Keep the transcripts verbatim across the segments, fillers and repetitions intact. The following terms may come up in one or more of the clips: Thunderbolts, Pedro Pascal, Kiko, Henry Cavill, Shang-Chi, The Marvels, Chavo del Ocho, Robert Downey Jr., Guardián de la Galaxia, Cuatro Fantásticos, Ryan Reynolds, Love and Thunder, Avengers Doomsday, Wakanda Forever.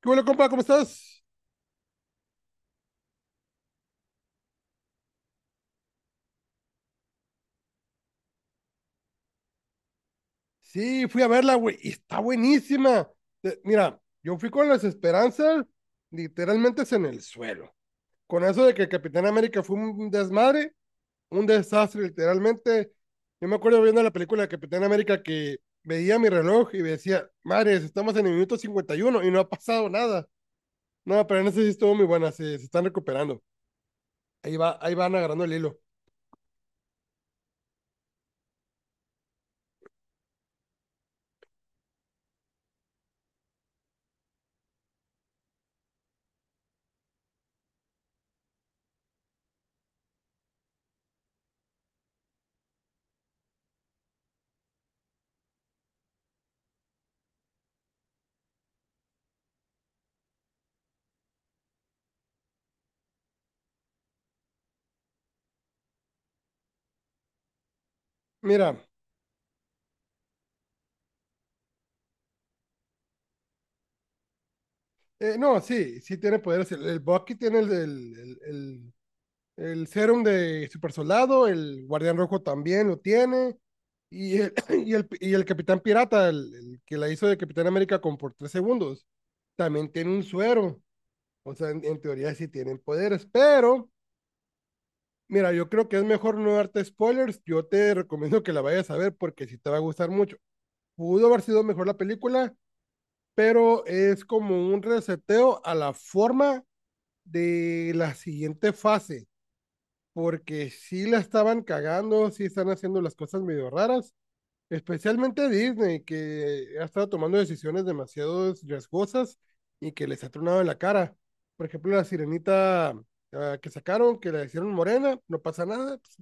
¿Qué bueno, compa? ¿Cómo estás? Sí, fui a verla, güey, y está buenísima. Te- mira, yo fui con las esperanzas literalmente en el suelo. Con eso de que Capitán América fue un desmadre, un desastre, literalmente. Yo me acuerdo viendo la película de Capitán América que veía mi reloj y me decía, madres, estamos en el minuto cincuenta y uno y no ha pasado nada. No, pero en ese sí estuvo muy buena, se, se están recuperando. Ahí va, ahí van agarrando el hilo. Mira, eh, no, sí, sí tiene poderes. El, el Bucky tiene el, el, el El serum de Super Soldado, el Guardián Rojo también lo tiene. Y el, y el, y el Capitán Pirata, el, el que la hizo de Capitán América con por tres segundos, también tiene un suero. O sea, en en teoría sí tienen poderes, pero mira, yo creo que es mejor no darte spoilers. Yo te recomiendo que la vayas a ver porque sí te va a gustar mucho. Pudo haber sido mejor la película, pero es como un reseteo a la forma de la siguiente fase porque sí la estaban cagando, sí están haciendo las cosas medio raras, especialmente Disney, que ha estado tomando decisiones demasiado riesgosas y que les ha tronado en la cara. Por ejemplo, la sirenita, ah, que sacaron, que la hicieron morena, no pasa nada, pues,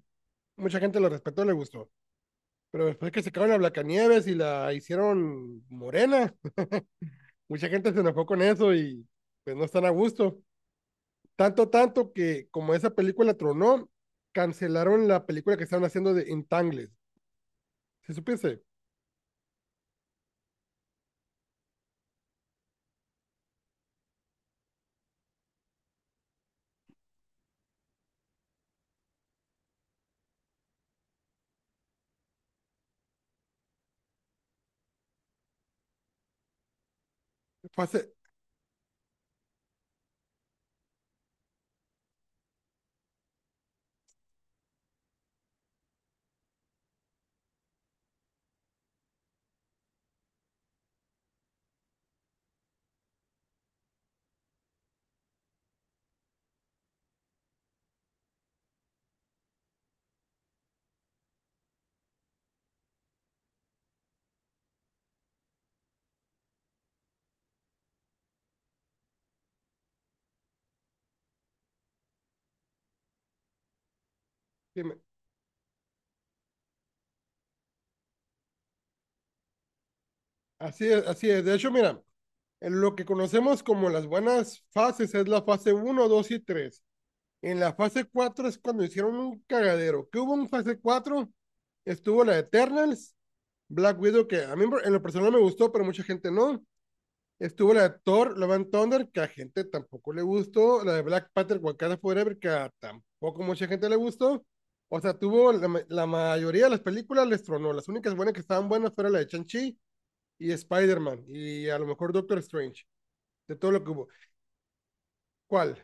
mucha gente lo respetó, le gustó. Pero después que sacaron a Blancanieves y la hicieron morena, mucha gente se enojó con eso y pues no están a gusto. Tanto, tanto que como esa película tronó, cancelaron la película que estaban haciendo de Entangled. ¿Se supiese? Fue hace- Así es, así es. De hecho, mira, en lo que conocemos como las buenas fases es la fase uno dos y tres. En la fase cuatro es cuando hicieron un cagadero. ¿Qué hubo en fase cuatro? Estuvo la Eternals, Black Widow, que a mí en lo personal me gustó, pero mucha gente no. Estuvo la de Thor, Love and Thunder, que a gente tampoco le gustó. La de Black Panther, Wakanda Forever, que a tampoco mucha gente le gustó. O sea, tuvo la, la mayoría de las películas les tronó. Las únicas buenas que estaban buenas fueron la de Shang-Chi y Spider-Man y a lo mejor Doctor Strange, de todo lo que hubo. ¿Cuál?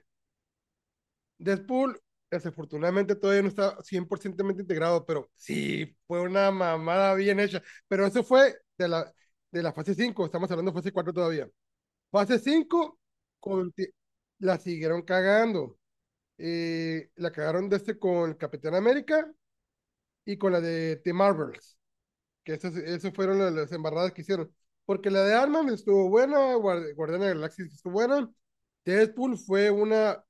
Deadpool, desafortunadamente todavía no está cien por ciento integrado, pero sí, fue una mamada bien hecha. Pero eso fue de la, de la, fase cinco. Estamos hablando de fase cuatro todavía. Fase cinco la siguieron cagando. Eh, la cagaron de este con Capitán América y con la de The Marvels, que esas, esas fueron la- las embarradas que hicieron. Porque la de Ant-Man estuvo buena, Guardiana Guardián de la Galaxia estuvo buena, Deadpool fue una,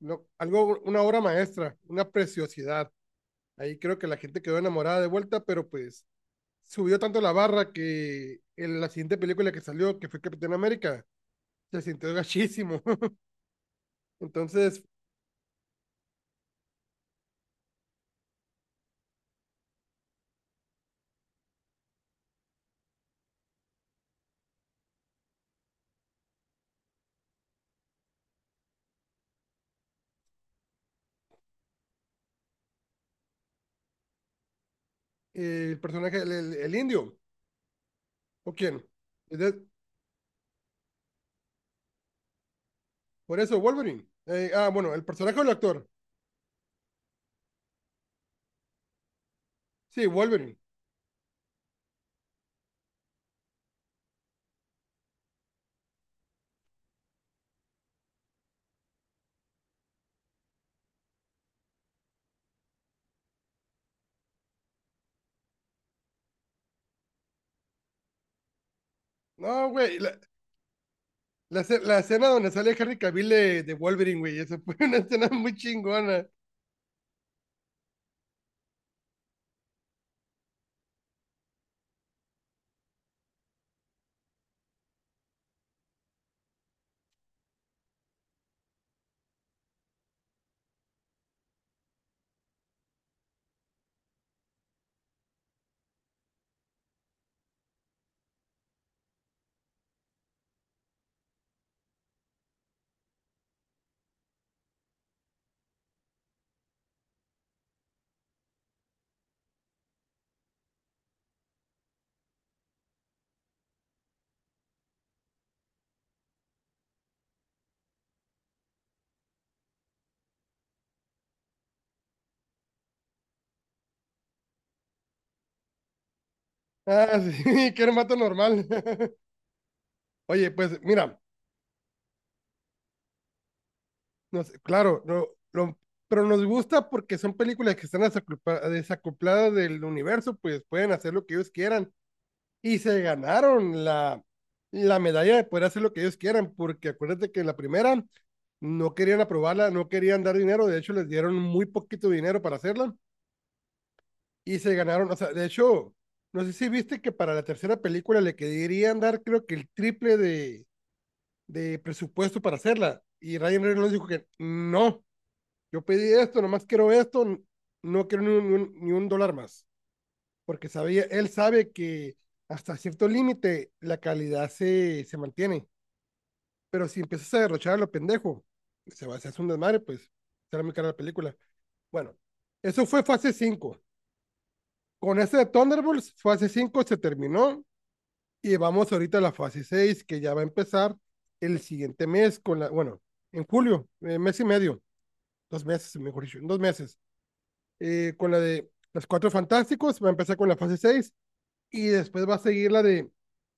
no, algo, una obra maestra, una preciosidad. Ahí creo que la gente quedó enamorada de vuelta, pero pues subió tanto la barra que en la siguiente película que salió, que fue Capitán América, se sintió gachísimo. Entonces eh, el personaje, el, el- el indio, ¿o quién? Es de- por eso, Wolverine. Eh, ah, bueno, el personaje o el actor. Sí, Wolverine. No, güey, la, la, esce- la escena donde sale Henry Cavill de, de Wolverine, güey, esa fue una escena muy chingona. Ah, sí, que era un vato normal. Oye, pues mira, no, claro, no, lo- pero nos gusta porque son películas que están desacopla- desacopladas del universo, pues pueden hacer lo que ellos quieran. Y se ganaron la, la medalla de poder hacer lo que ellos quieran, porque acuérdate que en la primera no querían aprobarla, no querían dar dinero, de hecho les dieron muy poquito dinero para hacerla y se ganaron, o sea, de hecho, no sé si viste que para la tercera película le querían dar creo que el triple de, de presupuesto para hacerla, y Ryan Reynolds dijo que no, yo pedí esto, nomás quiero esto, no quiero ni un, ni un, ni un dólar más porque sabía, él sabe que hasta cierto límite la calidad se, se mantiene, pero si empiezas a derrochar a lo pendejo, se va a hacer un desmadre, pues será muy cara la película. Bueno, eso fue fase cinco. Con este de Thunderbolts, fase cinco se terminó y vamos ahorita a la fase seis que ya va a empezar el siguiente mes, con la, bueno, en julio, eh, mes y medio, dos meses, mejor dicho, dos meses, eh, con la de los Cuatro Fantásticos, va a empezar con la fase seis. Y después va a seguir la de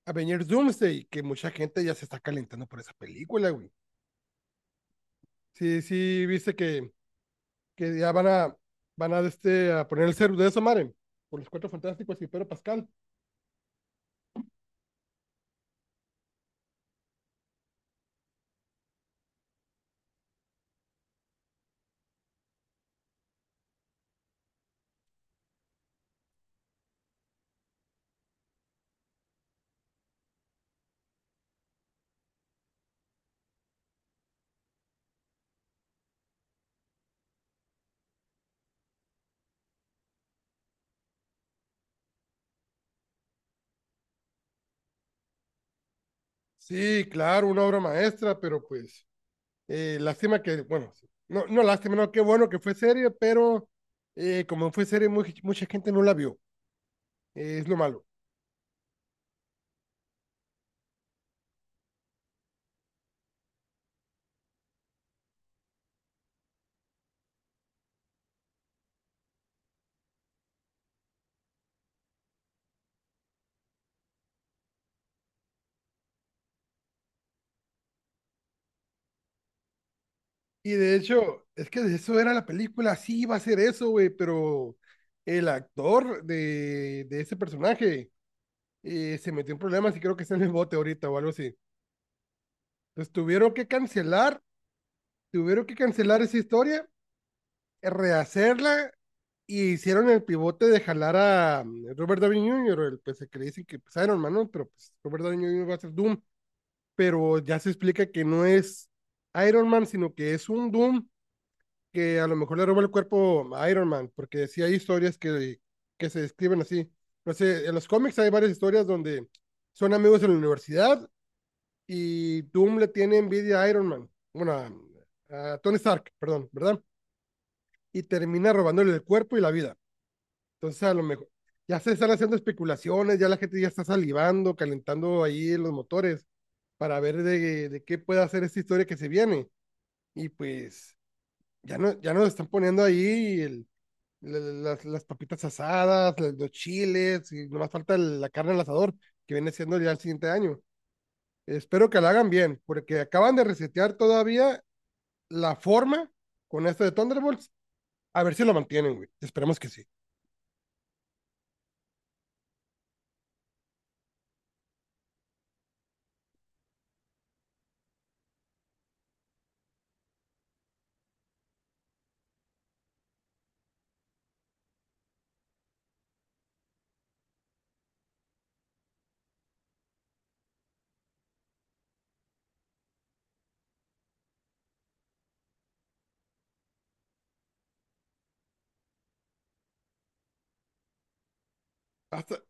Avengers Doomsday, que mucha gente ya se está calentando por esa película, güey. Sí, sí, viste que, que ya van a, van a, este, a poner el cero de esa madre, por los cuatro fantásticos y Pedro Pascal. Sí, claro, una obra maestra, pero pues, eh, lástima que, bueno, sí, no, no lástima, no, qué bueno que fue serie, pero eh, como fue serie, muy- mucha gente no la vio. Eh, es lo malo. Y de hecho, es que de eso era la película, sí iba a ser eso, güey, pero el actor de, de ese personaje eh, se metió en problemas y creo que está en el bote ahorita o algo así. Entonces tuvieron que cancelar, tuvieron que cancelar esa historia, rehacerla, y hicieron el pivote de jalar a mm, Robert Downey junior, el pues, el que le dicen que pues, Iron Man, ¿no? Pero pues Robert Downey junior va a ser Doom, pero ya se explica que no es Iron Man, sino que es un Doom que a lo mejor le roba el cuerpo a Iron Man, porque sí hay historias que, que se describen así. No sé, en los cómics hay varias historias donde son amigos en la universidad y Doom le tiene envidia a Iron Man, bueno, a, a Tony Stark, perdón, ¿verdad? Y termina robándole el cuerpo y la vida. Entonces, a lo mejor ya se están haciendo especulaciones, ya la gente ya está salivando, calentando ahí los motores para ver de, de qué puede hacer esta historia que se viene. Y pues ya, no, ya nos están poniendo ahí el, la- la- las, las papitas asadas, la- los chiles, y nomás falta el- la carne al asador, que viene siendo ya el siguiente año. Espero que la hagan bien, porque acaban de resetear todavía la forma con esto de Thunderbolts. A ver si lo mantienen, güey. Esperemos que sí. Va a estar-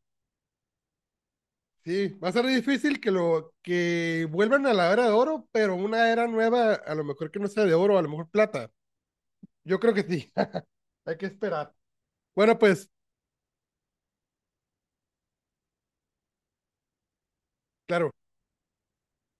sí, va a ser difícil que lo que vuelvan a la era de oro, pero una era nueva, a lo mejor que no sea de oro, a lo mejor plata. Yo creo que sí. Hay que esperar. Bueno, pues, claro.